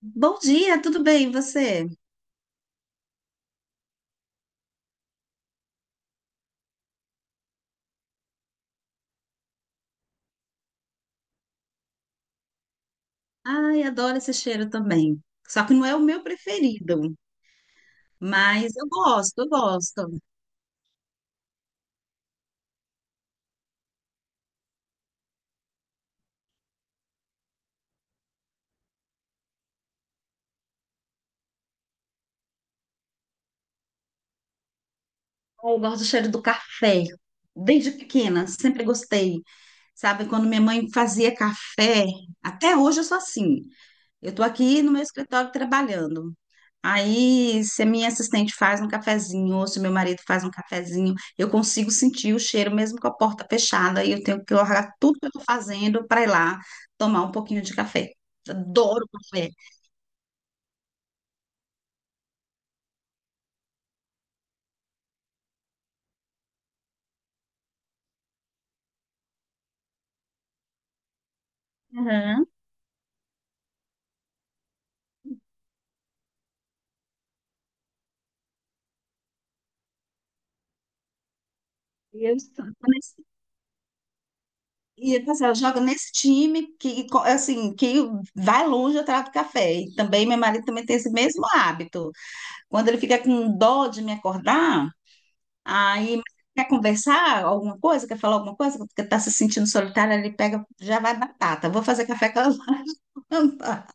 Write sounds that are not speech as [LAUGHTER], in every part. Bom dia, tudo bem, e você? Ai, adoro esse cheiro também. Só que não é o meu preferido, mas eu gosto. Eu gosto do cheiro do café. Desde pequena, sempre gostei. Sabe, quando minha mãe fazia café, até hoje eu sou assim. Eu tô aqui no meu escritório trabalhando. Aí, se a minha assistente faz um cafezinho, ou se meu marido faz um cafezinho, eu consigo sentir o cheiro mesmo com a porta fechada e eu tenho que largar tudo que eu estou fazendo para ir lá tomar um pouquinho de café. Adoro café. Aham. E eu estou nesse- e eu jogo nesse time que vai longe atrás do café. E também, meu marido também tem esse mesmo hábito. Quando ele fica com dó de me acordar, aí, mas quer conversar alguma coisa? Quer falar alguma coisa? Porque tá se sentindo solitária, ele pega, já vai batata. Vou fazer café com a lâmpada. [LAUGHS]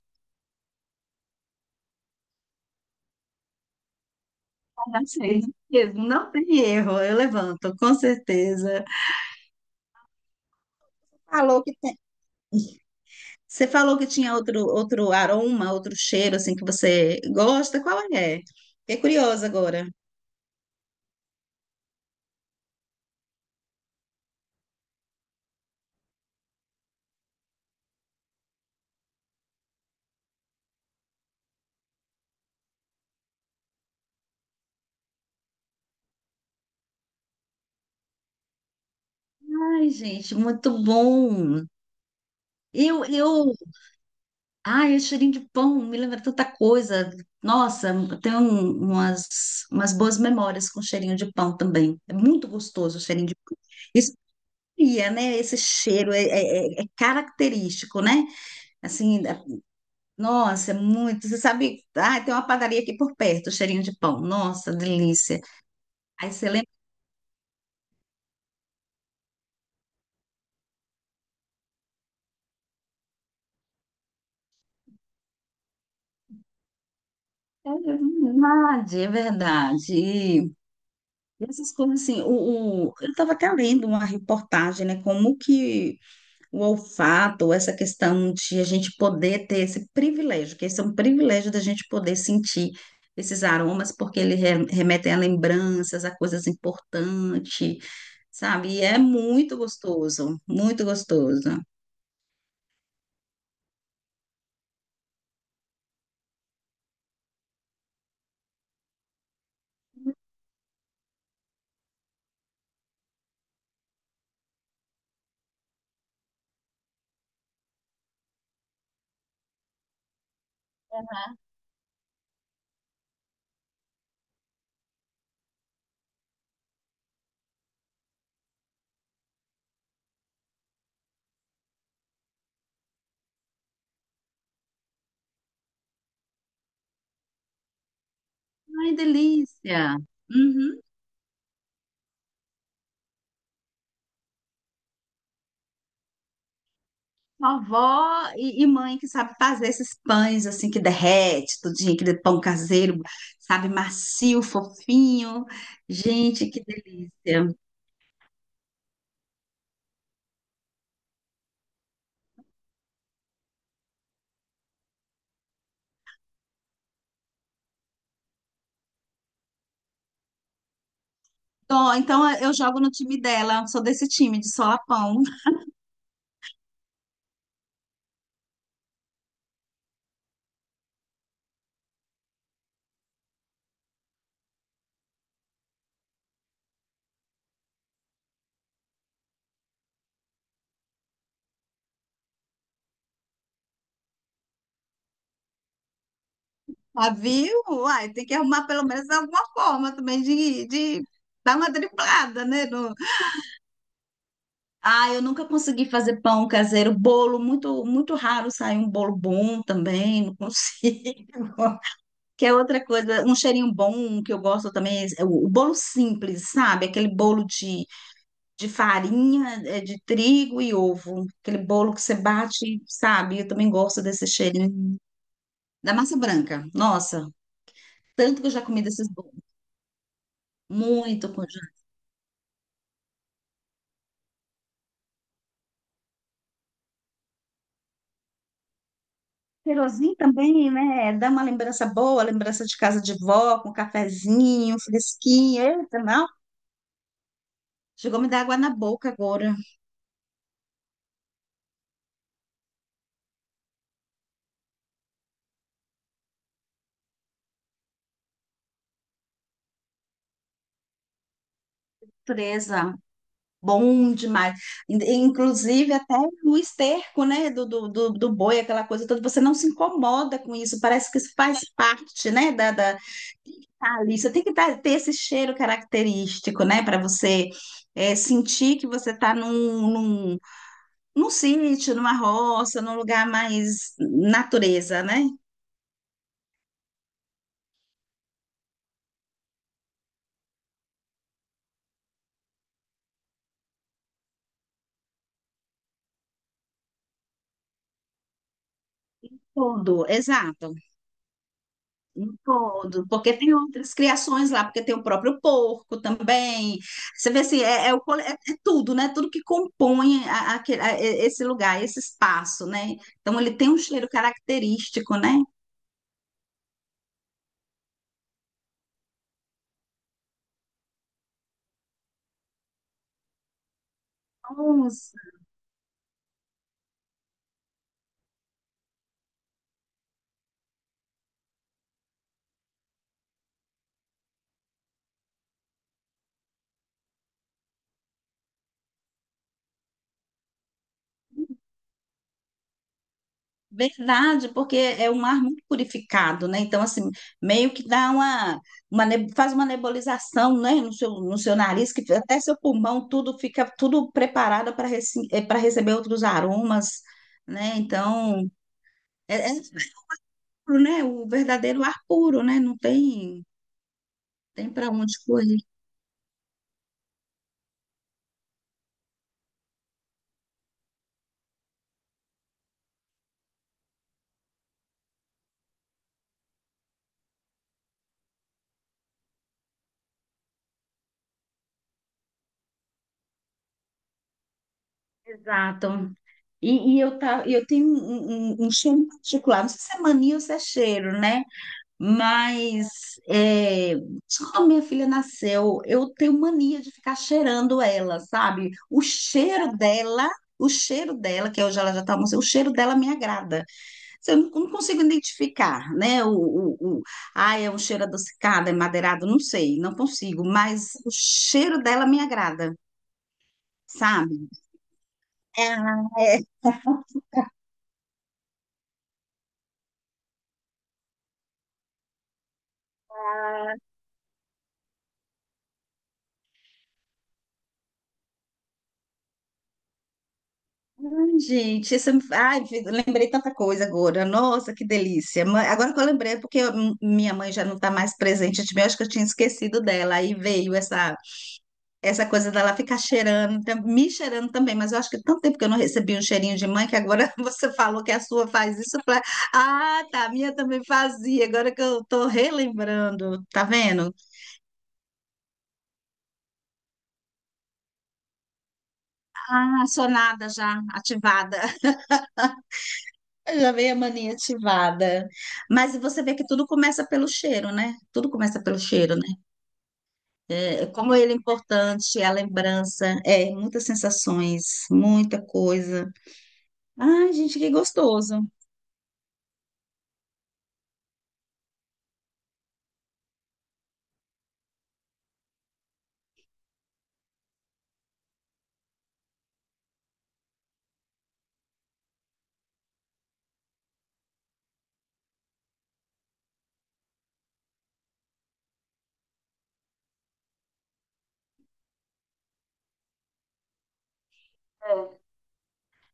Achei, mesmo, não tem erro, eu levanto, com certeza. Falou que tem- Você falou que tinha outro, outro aroma, outro cheiro, assim, que você gosta. Qual é? Fiquei curiosa agora. Ai, gente, muito bom. Eu. Ai, esse cheirinho de pão me lembra tanta coisa. Nossa, eu tenho umas boas memórias com cheirinho de pão também. É muito gostoso o cheirinho de pão. Isso cria, né? Esse cheiro é característico, né? Assim, nossa, é muito. Você sabe, ah, tem uma padaria aqui por perto, cheirinho de pão. Nossa, delícia. Aí você lembra. É verdade, é verdade. E essas coisas assim, eu estava até lendo uma reportagem, né? Como que o olfato, essa questão de a gente poder ter esse privilégio, que esse é um privilégio da gente poder sentir esses aromas, porque eles remetem a lembranças, a coisas importantes, sabe? E é muito gostoso, muito gostoso. Ai, delícia! Uhum. Vovó e mãe que sabe fazer esses pães assim que derrete, tudinho, aquele pão caseiro, sabe, macio, fofinho. Gente, que delícia! Tô, então eu jogo no time dela, sou desse time de solapão. [LAUGHS] Ah, viu? Uai, tem que arrumar pelo menos alguma forma também de dar uma driblada, né? No... ah, eu nunca consegui fazer pão caseiro, bolo, muito, muito raro sair um bolo bom também, não consigo. [LAUGHS] Que é outra coisa, um cheirinho bom que eu gosto também, é o bolo simples, sabe? Aquele bolo de farinha, é, de trigo e ovo. Aquele bolo que você bate, sabe? Eu também gosto desse cheirinho. Da massa branca. Nossa, tanto que eu já comi desses bolos. Muito com já. Cheirosinho também, né? Dá uma lembrança boa, lembrança de casa de vó, com cafezinho, fresquinho. Eita, não. Chegou a me dar água na boca agora. Presa. Bom demais. In- Inclusive, até no esterco, né, do boi, aquela coisa toda, você não se incomoda com isso, parece que isso faz parte, né, da... Thalissa, ter esse cheiro característico, né? Para você é, sentir que você está num, num sítio, numa roça, num lugar mais natureza, né? Todo, exato, um todo, porque tem outras criações lá, porque tem o próprio porco também. Você vê assim, é, é o é tudo, né? Tudo que compõe esse lugar, esse espaço, né? Então ele tem um cheiro característico, né? Verdade, porque é um ar muito purificado, né? Então, assim, meio que dá uma, faz uma nebulização, né? No seu nariz, que até seu pulmão, tudo fica tudo preparado para receber outros aromas, né? Então, é, é puro, né? O verdadeiro ar puro, né? Não tem, tem para onde correr. Exato. E eu, tá, eu tenho um, um cheiro particular, não sei se é mania ou se é cheiro, né? Mas é, quando minha filha nasceu, eu tenho mania de ficar cheirando ela, sabe? O cheiro dela, que hoje ela já está almoçando, o cheiro dela me agrada. Se eu não consigo identificar, né? Ah, é um cheiro adocicado, é madeirado, não sei, não consigo, mas o cheiro dela me agrada, sabe? Ai, gente, isso, ai, lembrei tanta coisa agora. Nossa, que delícia. Agora que eu lembrei, é porque minha mãe já não está mais presente, eu acho que eu tinha esquecido dela. Aí veio essa, essa coisa dela ficar cheirando, me cheirando também, mas eu acho que tanto tempo que eu não recebi um cheirinho de mãe que agora [LAUGHS] você falou que a sua faz isso. Eu falei, ah, tá, a minha também fazia. Agora que eu tô relembrando, tá vendo? Ah, sonada já ativada. Já veio a mania ativada. Mas você vê que tudo começa pelo cheiro, né? Tudo começa pelo cheiro, né? É, como ele é importante, a lembrança, é, muitas sensações, muita coisa. Ai, gente, que gostoso.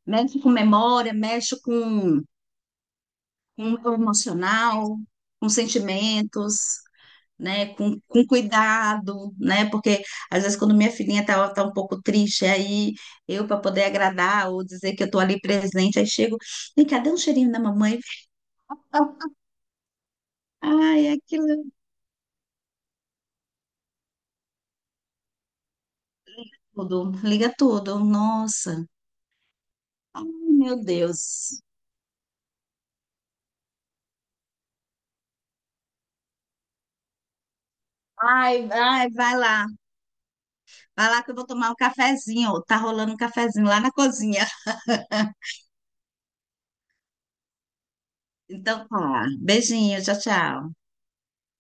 Mexe com memória, mexe com o emocional, com sentimentos, né, com cuidado, né, porque às vezes quando minha filhinha tá, tá um pouco triste, aí eu para poder agradar ou dizer que eu tô ali presente, aí chego, vem cá, dá um cheirinho na mamãe, ai, aquilo é tudo, liga tudo, nossa, ai, meu Deus, ai, ai, vai lá que eu vou tomar um cafezinho, tá rolando um cafezinho lá na cozinha, então tá, beijinho, tchau, tchau.